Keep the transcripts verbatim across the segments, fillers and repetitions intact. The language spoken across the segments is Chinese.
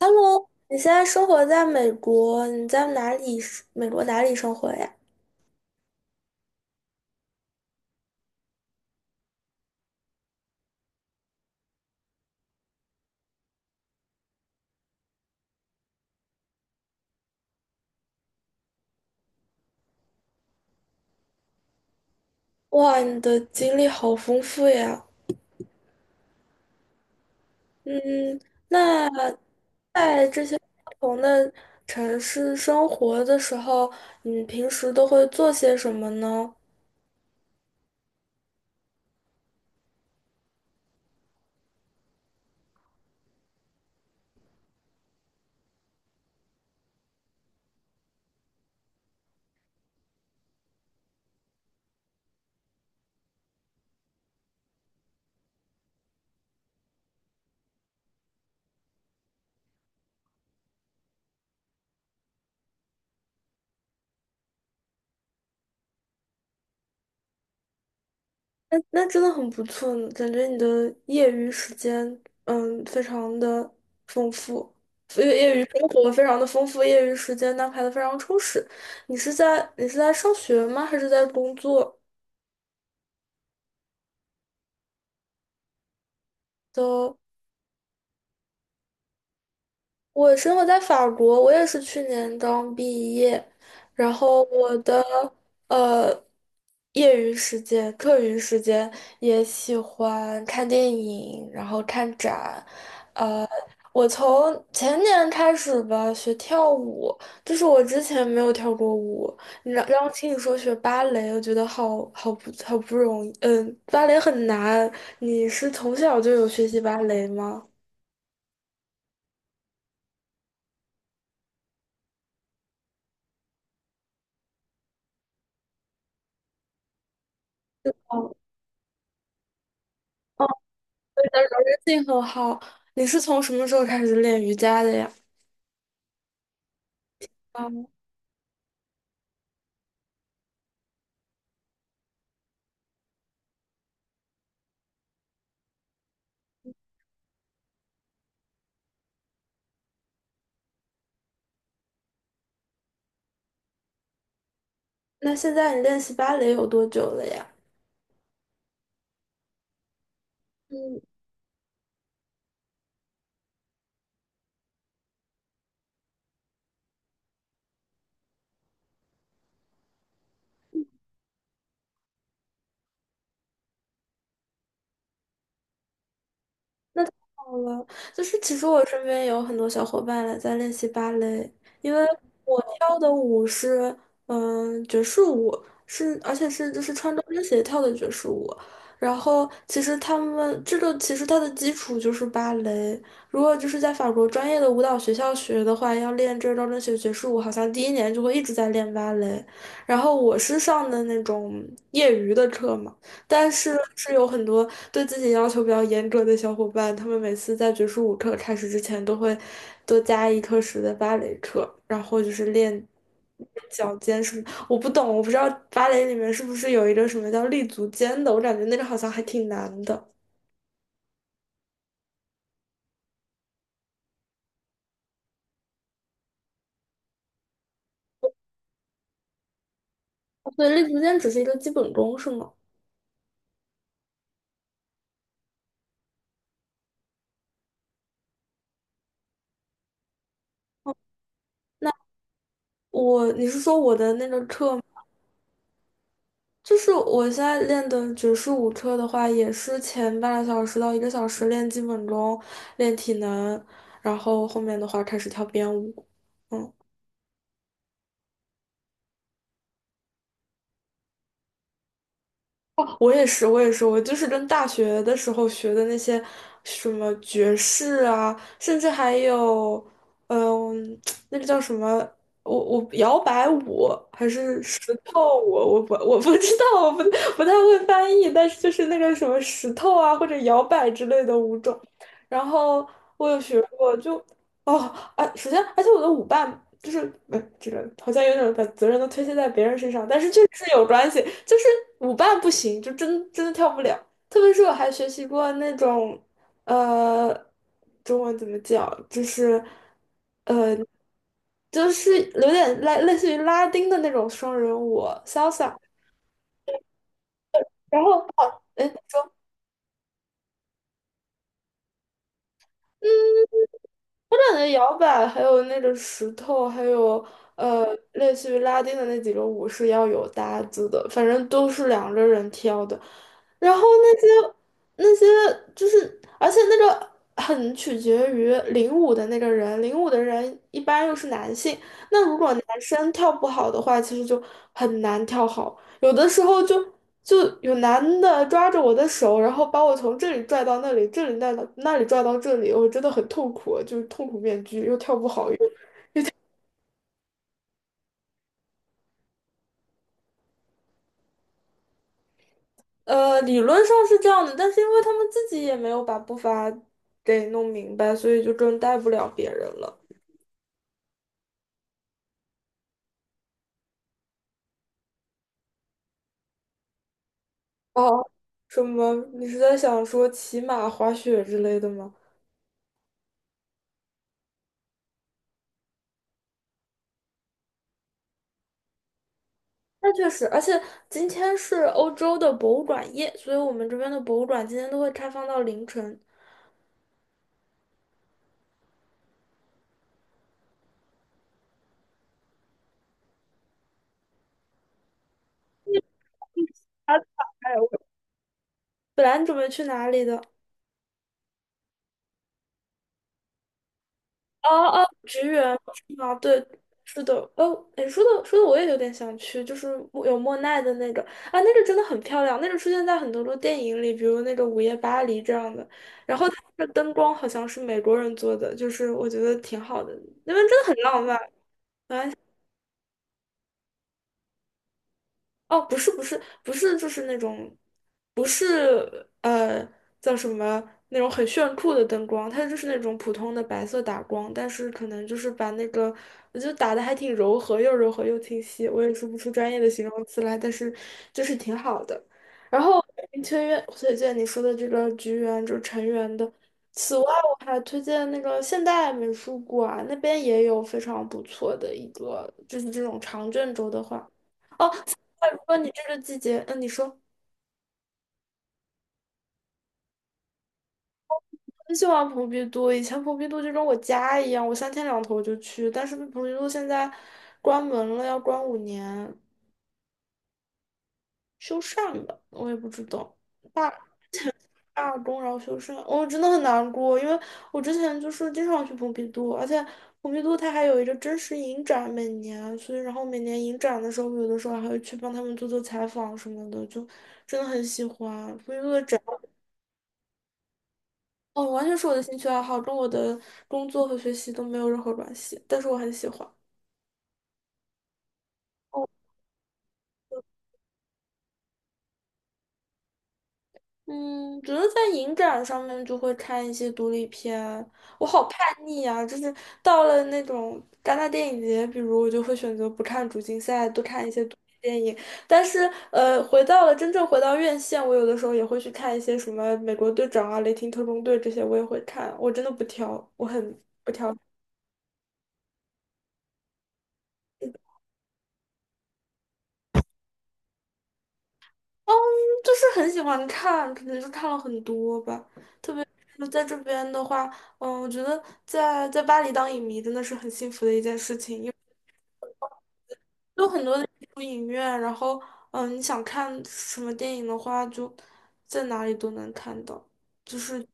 Hello,你现在生活在美国，你在哪里生？美国哪里生活呀？哇，你的经历好丰富呀。嗯，那在这些不同的城市生活的时候，你平时都会做些什么呢？那真的很不错呢，感觉你的业余时间，嗯，非常的丰富，业业余生活非常的丰富，业余时间安排的非常充实。你是在你是在上学吗？还是在工作？的，我生活在法国，我也是去年刚毕业，然后我的呃业余时间、课余时间也喜欢看电影，然后看展。我从前年开始吧学跳舞，就是我之前没有跳过舞。你让让我听你说学芭蕾，我觉得好好不好不容易，嗯，芭蕾很难。你是从小就有学习芭蕾吗？哦的柔韧性很好。你是从什么时候开始练瑜伽的呀？啊，那现在你练习芭蕾有多久了呀？嗯。那太好了，就是其实我身边有很多小伙伴来在练习芭蕾，因为我跳的舞是嗯爵士舞，是而且是就是穿着跟鞋跳的爵士舞。然后其实他们这个其实它的基础就是芭蕾，如果就是在法国专业的舞蹈学校学的话，要练这招跟学爵士舞，好像第一年就会一直在练芭蕾。然后我是上的那种业余的课嘛。但是是有很多对自己要求比较严格的小伙伴，他们每次在爵士舞课开始之前都会多加一课时的芭蕾课，然后就是练脚尖什么。我不懂，我不知道芭蕾里面是不是有一个什么叫立足尖的，我感觉那个好像还挺难的。对，立足尖只是一个基本功，是吗？哦，那我，你是说我的那个课就是我现在练的爵士舞车的话，也是前半个小时到一个小时练基本功、练体能，然后后面的话开始跳编舞。嗯。我也是，我也是，我就是跟大学的时候学的那些什么爵士啊，甚至还有，嗯、那个叫什么，我我摇摆舞还是石头舞，我不我不知道，我不不太会翻译，但是就是那个什么石头啊或者摇摆之类的舞种，然后我有学过就，哦啊，首先而且我的舞伴就是呃，这个好像有点把责任都推卸在别人身上，但是确实是有关系。就是舞伴不行，就真真的跳不了。特别是我还学习过那种，呃，中文怎么讲，就是，呃，就是有点类类似于拉丁的那种双人舞，salsa。然后哦，哎，嗯，我感觉摇摆还有那个石头，还有呃，类似于拉丁的那几个舞是要有搭子的，反正都是两个人跳的。然后那些那些就是，而且那个很取决于领舞的那个人，领舞的人一般又是男性，那如果男生跳不好的话，其实就很难跳好。有的时候就就有男的抓着我的手，然后把我从这里拽到那里，这里带里那里拽到这里，我真的很痛苦，就是痛苦面具，又跳不好又，呃，理论上是这样的，但是因为他们自己也没有把步伐给弄明白，所以就更带不了别人了。哦，什么？你是在想说骑马、滑雪之类的吗？那确实，而且今天是欧洲的博物馆夜，所以我们这边的博物馆今天都会开放到凌晨。本来你准备去哪里的？哦，橘园是吗？对，是的。哦，哎，说的说的我也有点想去，就是莫有莫奈的那个啊，那个真的很漂亮，那个出现在很多的电影里，比如那个《午夜巴黎》这样的。然后它的灯光好像是美国人做的，就是我觉得挺好的，那边真的很浪漫。哦，不是不是不是，就是那种，不是呃叫什么那种很炫酷的灯光，它就是那种普通的白色打光，但是可能就是把那个，我觉得打的还挺柔和，又柔和又清晰，我也说不出专业的形容词来，但是就是挺好的。然后推荐推荐你说的这个橘园，就是成员的。此外，我还推荐那个现代美术馆，那边也有非常不错的一个，就是这种长卷轴的画。哦，那如果你这个季节，嗯，你说，很喜欢蓬皮杜，以前蓬皮杜就跟我家一样，我三天两头就去，但是蓬皮杜现在关门了，要关五年，修缮吧，我也不知道，罢罢工然后修缮，我真的很难过，因为我之前就是经常去蓬皮杜，而且蓬皮杜它还有一个真实影展每年，所以然后每年影展的时候，有的时候还会去帮他们做做采访什么的，就真的很喜欢蓬皮杜的展。哦，完全是我的兴趣爱好，跟我的工作和学习都没有任何关系，但是我很喜欢。哦，嗯，觉得在影展上面就会看一些独立片，我好叛逆啊！就是到了那种戛纳电影节，比如我就会选择不看主竞赛，多看一些独立电影。但是，呃，回到了真正回到院线，我有的时候也会去看一些什么《美国队长》啊、《雷霆特工队》这些，我也会看。我真的不挑，我很嗯，就是很喜欢看，可能是看了很多吧。特别是在这边的话，嗯，我觉得在在巴黎当影迷真的是很幸福的一件事情，因为有很多的艺术影院，然后嗯，你想看什么电影的话，就在哪里都能看到。就是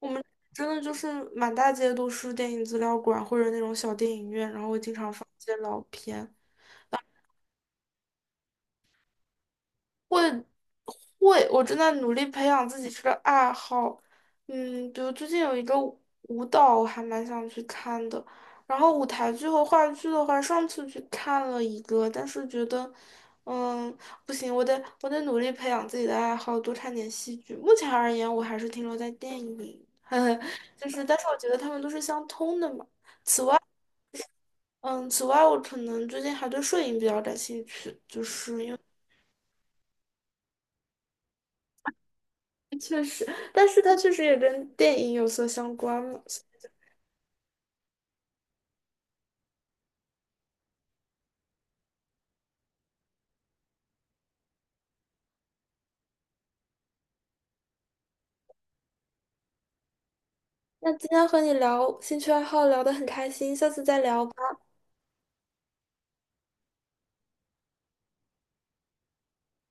我们真的就是满大街都是电影资料馆或者那种小电影院，然后会经常放一些老片。会会，我正在努力培养自己这个爱好。嗯，比如最近有一个舞舞蹈，我还蛮想去看的。然后舞台剧和话剧的话，上次去看了一个，但是觉得，嗯，不行，我得我得努力培养自己的爱好，多看点戏剧。目前而言，我还是停留在电影，就是，但是我觉得他们都是相通的嘛。嗯，此外，我可能最近还对摄影比较感兴趣，就是。因为。确实，但是它确实也跟电影有所相关嘛。那今天和你聊兴趣爱好聊得很开心，下次再聊。吧。